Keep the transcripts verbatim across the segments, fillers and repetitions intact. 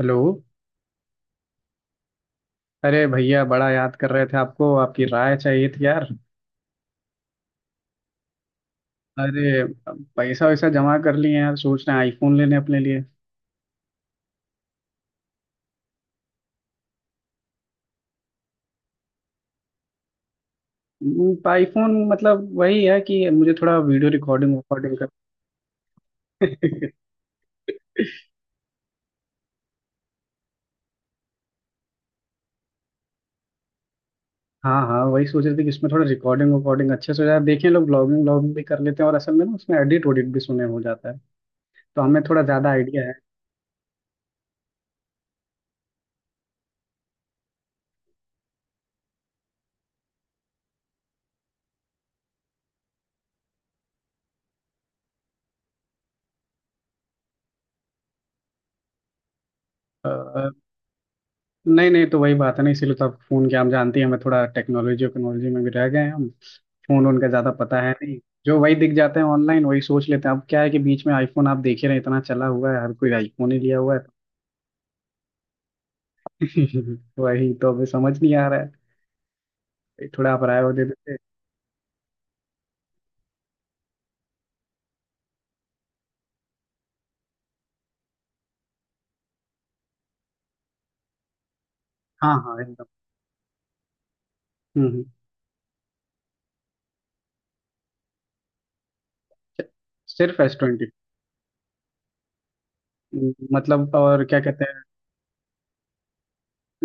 Hello. अरे भैया, बड़ा याद कर रहे थे आपको। आपकी राय चाहिए थी यार। अरे, पैसा वैसा जमा कर लिए हैं यार। सोच रहे हैं आईफोन लेने अपने लिए। हम्म, आईफोन मतलब वही है कि मुझे थोड़ा वीडियो रिकॉर्डिंग रिकॉर्डिंग कर। हाँ हाँ, वही सोच रहे थे कि इसमें थोड़ा रिकॉर्डिंग वकॉर्डिंग अच्छे से हो जाए। देखें, लोग ब्लॉगिंग व्लॉगिंग भी कर लेते हैं और असल में ना उसमें एडिट वडिट भी सुने हो जाता है। तो हमें थोड़ा ज़्यादा आइडिया है नहीं। नहीं तो वही बात है ना, इसीलिए तो आपको फोन किया। हम जानती हैं हमें थोड़ा टेक्नोलॉजी वक्नोलॉजी में भी रह गए हैं हम। फोन उनका ज्यादा पता है नहीं। जो वही दिख जाते हैं ऑनलाइन वही सोच लेते हैं। अब क्या है कि बीच में आईफोन आप देख ही रहे हैं, इतना चला हुआ है, हर कोई आईफोन ही लिया हुआ है। वही तो अभी समझ नहीं आ रहा है। थोड़ा आप राय और दे देते। हाँ हाँ, एकदम। हम्म हम्म। सिर्फ एस ट्वेंटी। मतलब, और क्या कहते हैं?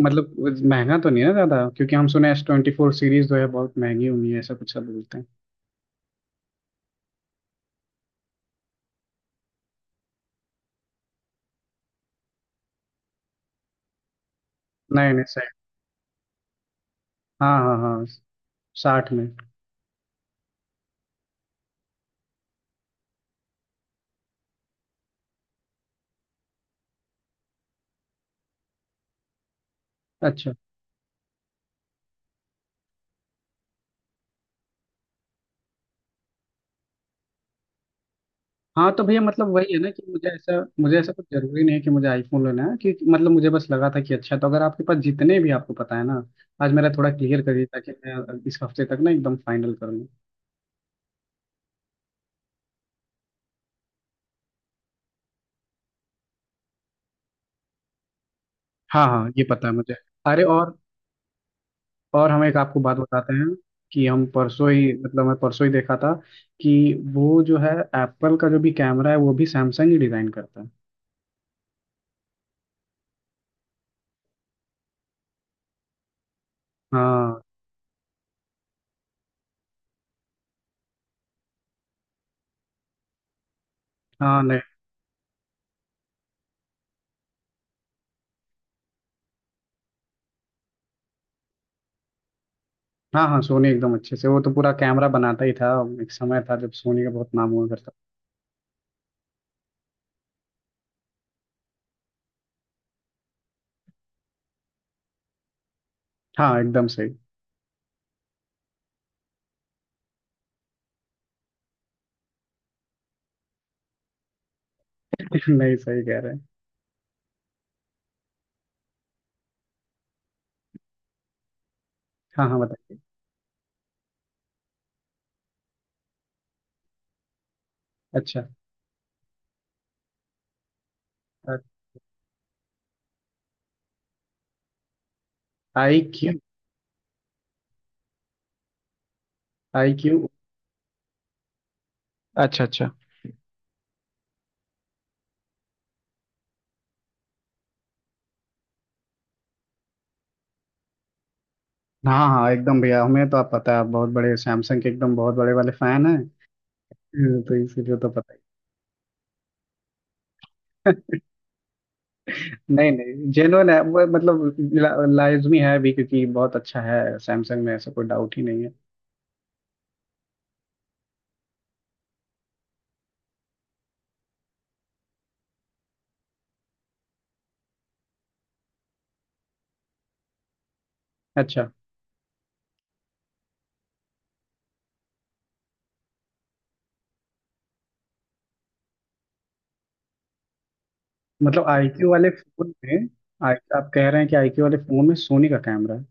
मतलब महंगा तो नहीं है ज्यादा? क्योंकि हम सुने एस ट्वेंटी फोर सीरीज जो है बहुत महंगी हुई है, ऐसा कुछ सब बोलते हैं। नहीं नहीं, सही। हाँ हाँ हाँ। साठ में? अच्छा। हाँ तो भैया, मतलब वही है ना कि मुझे ऐसा मुझे ऐसा कुछ जरूरी नहीं है कि मुझे आईफोन लेना है। कि मतलब मुझे बस लगा था कि अच्छा, तो अगर आपके पास जितने भी आपको पता है ना, आज मेरा थोड़ा क्लियर करिए ताकि मैं इस हफ्ते तक ना एकदम फाइनल कर लूँ। हाँ हाँ, ये पता है मुझे। अरे, और और हम एक आपको बात बताते हैं कि हम परसों ही, मतलब मैं परसों ही देखा था कि वो जो है, एप्पल का जो भी कैमरा है वो भी सैमसंग ही डिजाइन करता है। हाँ हाँ। नहीं। हाँ हाँ, सोनी एकदम अच्छे से, वो तो पूरा कैमरा बनाता ही था। एक समय था जब सोनी का बहुत नाम हुआ करता। हाँ, एकदम सही। नहीं, सही कह रहे हैं। हाँ हाँ, बताइए। अच्छा, आई क्यू। IQOO? अच्छा अच्छा। हाँ हाँ एकदम भैया, हमें तो, आप पता है आप बहुत बड़े सैमसंग के एकदम बहुत बड़े वाले फैन हैं। हम्म, तो इसीलिए तो पता ही। नहीं नहीं, जेन्युइन है वो। मतलब ला, लाजमी है भी क्योंकि बहुत अच्छा है, सैमसंग में ऐसा कोई डाउट ही नहीं है। अच्छा, मतलब आईक्यू वाले फोन में? आई, आप कह रहे हैं कि आईक्यू वाले फोन में सोनी का कैमरा है?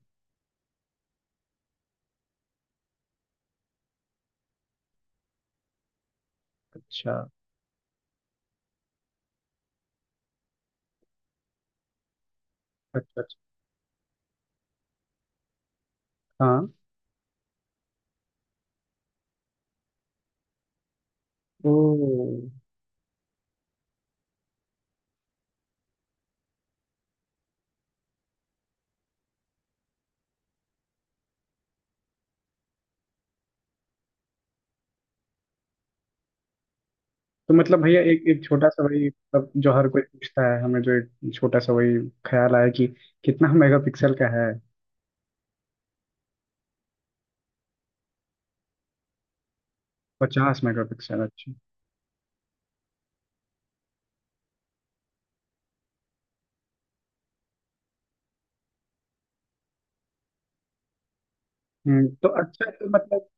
अच्छा अच्छा। अच्छा। हाँ। ओ। तो मतलब भैया, एक एक छोटा सा वही, मतलब जो हर कोई पूछता है हमें, जो एक छोटा सा वही ख्याल आया कि कितना मेगापिक्सल का है? पचास मेगापिक्सल, अच्छा। हम्म, तो अच्छा, तो मतलब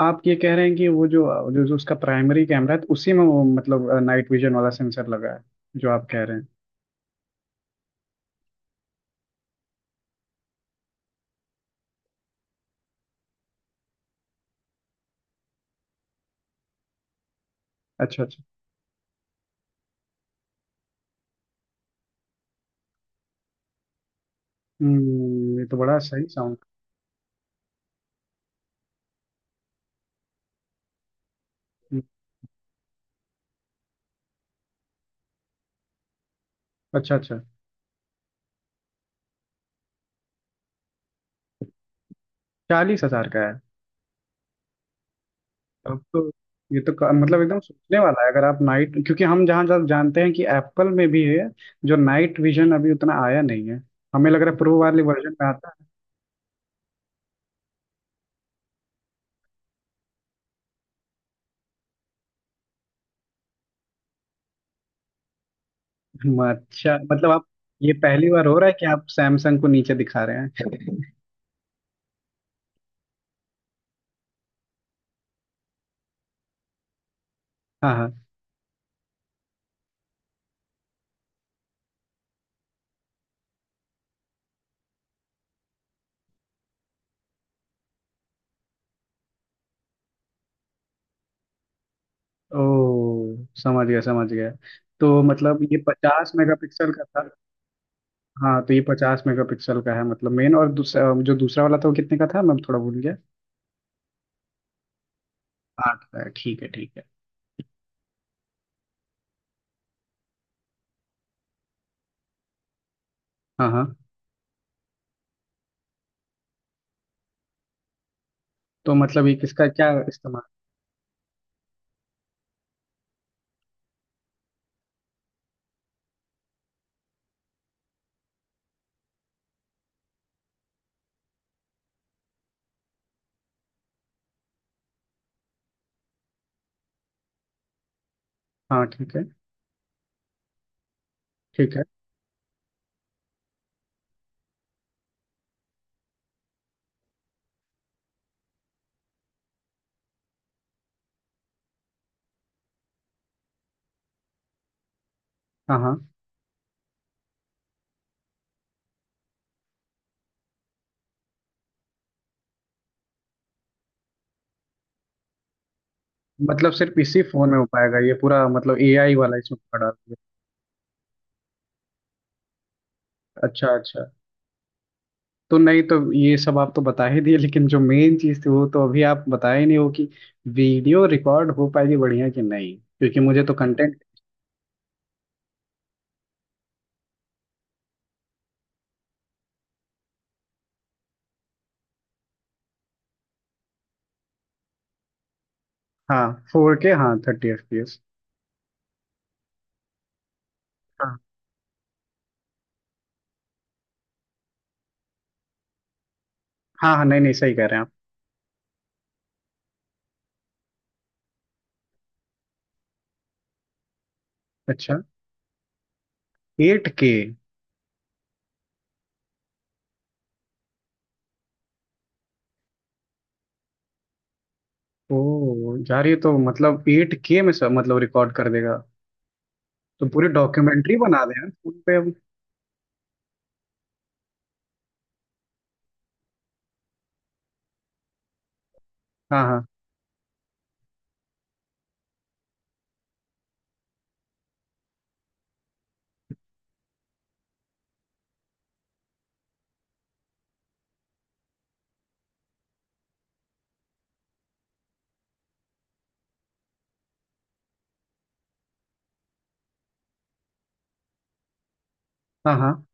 आप ये कह रहे हैं कि वो जो जो, जो उसका प्राइमरी कैमरा है तो उसी में वो, मतलब नाइट विजन वाला सेंसर लगा है, जो आप कह रहे हैं? अच्छा अच्छा। हम्म ये तो बड़ा सही साउंड। अच्छा अच्छा। चालीस हजार का है? अब तो, ये तो का, मतलब एकदम सोचने वाला है, अगर आप नाइट, क्योंकि हम जहाँ जहाँ जानते हैं कि एप्पल में भी है जो नाइट विजन अभी उतना आया नहीं है, हमें लग रहा है प्रो वाले वर्जन में आता है। हम्म, अच्छा मतलब आप, ये पहली बार हो रहा है कि आप सैमसंग को नीचे दिखा रहे हैं? हाँ हाँ। ओ, समझ गया समझ गया। तो मतलब ये पचास मेगापिक्सल का था? हाँ, तो ये पचास मेगापिक्सल का है, मतलब मेन। और दूसरा जो दूसरा वाला था वो कितने का था? मैं थोड़ा भूल गया। आठ का है, ठीक है ठीक है। हाँ हाँ। तो मतलब ये किसका क्या इस्तेमाल? हाँ, ठीक है ठीक है। हाँ हाँ। मतलब सिर्फ इसी फोन में हो पाएगा ये पूरा, मतलब एआई वाला इसमें पड़ा है? अच्छा अच्छा। तो नहीं, तो ये सब आप तो बता ही दिए, लेकिन जो मेन चीज़ थी वो तो अभी आप बताए नहीं हो कि वीडियो रिकॉर्ड हो पाएगी बढ़िया कि नहीं? क्योंकि मुझे तो कंटेंट। हाँ, फोर के, हाँ, थर्टी एफ पी एस। हाँ हाँ। हाँ, नहीं नहीं, सही कह रहे हैं आप। अच्छा, एट के। ओ यार, ये तो मतलब एट के में सब मतलब रिकॉर्ड कर देगा। तो पूरी डॉक्यूमेंट्री बना दे यार फोन पे अब। हाँ हाँ। हाँ हाँ।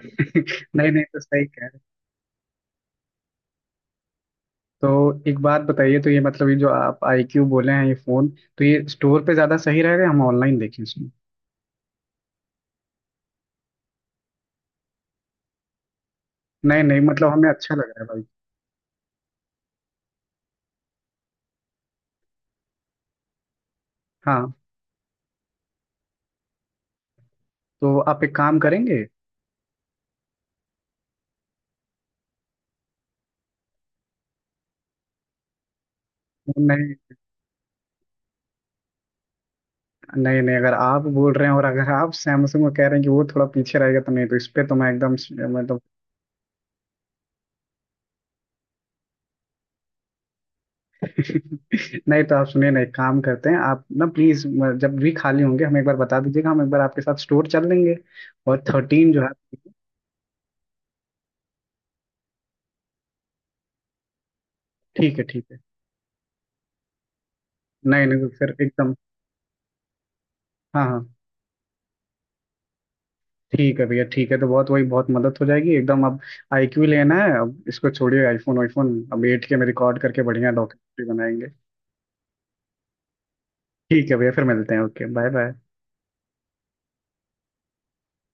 नहीं नहीं, तो सही कह। तो एक बात बताइए, तो ये मतलब, ये जो आप आईक्यू बोले हैं ये फोन, तो ये स्टोर पे ज्यादा सही रहेगा या हम ऑनलाइन देखें इसमें? नहीं नहीं, मतलब हमें अच्छा लग रहा है भाई। हाँ। तो आप एक काम करेंगे? नहीं नहीं। नहीं, अगर आप बोल रहे हैं और अगर आप सैमसंग को कह रहे हैं कि वो थोड़ा पीछे रहेगा, तो नहीं, तो इस पे तो मैं एकदम। मतलब नहीं, तो आप सुनिए ना, एक काम करते हैं आप ना, प्लीज जब भी खाली होंगे हमें एक बार बता दीजिएगा, हम एक बार आपके साथ स्टोर चल लेंगे। और थर्टीन जो है। ठीक है ठीक है। नहीं नहीं, तो फिर एकदम। हाँ हाँ। ठीक है भैया, ठीक है। तो बहुत वही, बहुत मदद हो जाएगी एकदम। अब आईक्यू लेना है, अब इसको छोड़िए आईफोन। आईफोन, अब एट के में रिकॉर्ड करके बढ़िया डॉक्यूमेंट्री बनाएंगे। ठीक है भैया, फिर मिलते हैं। Okay, bye bye.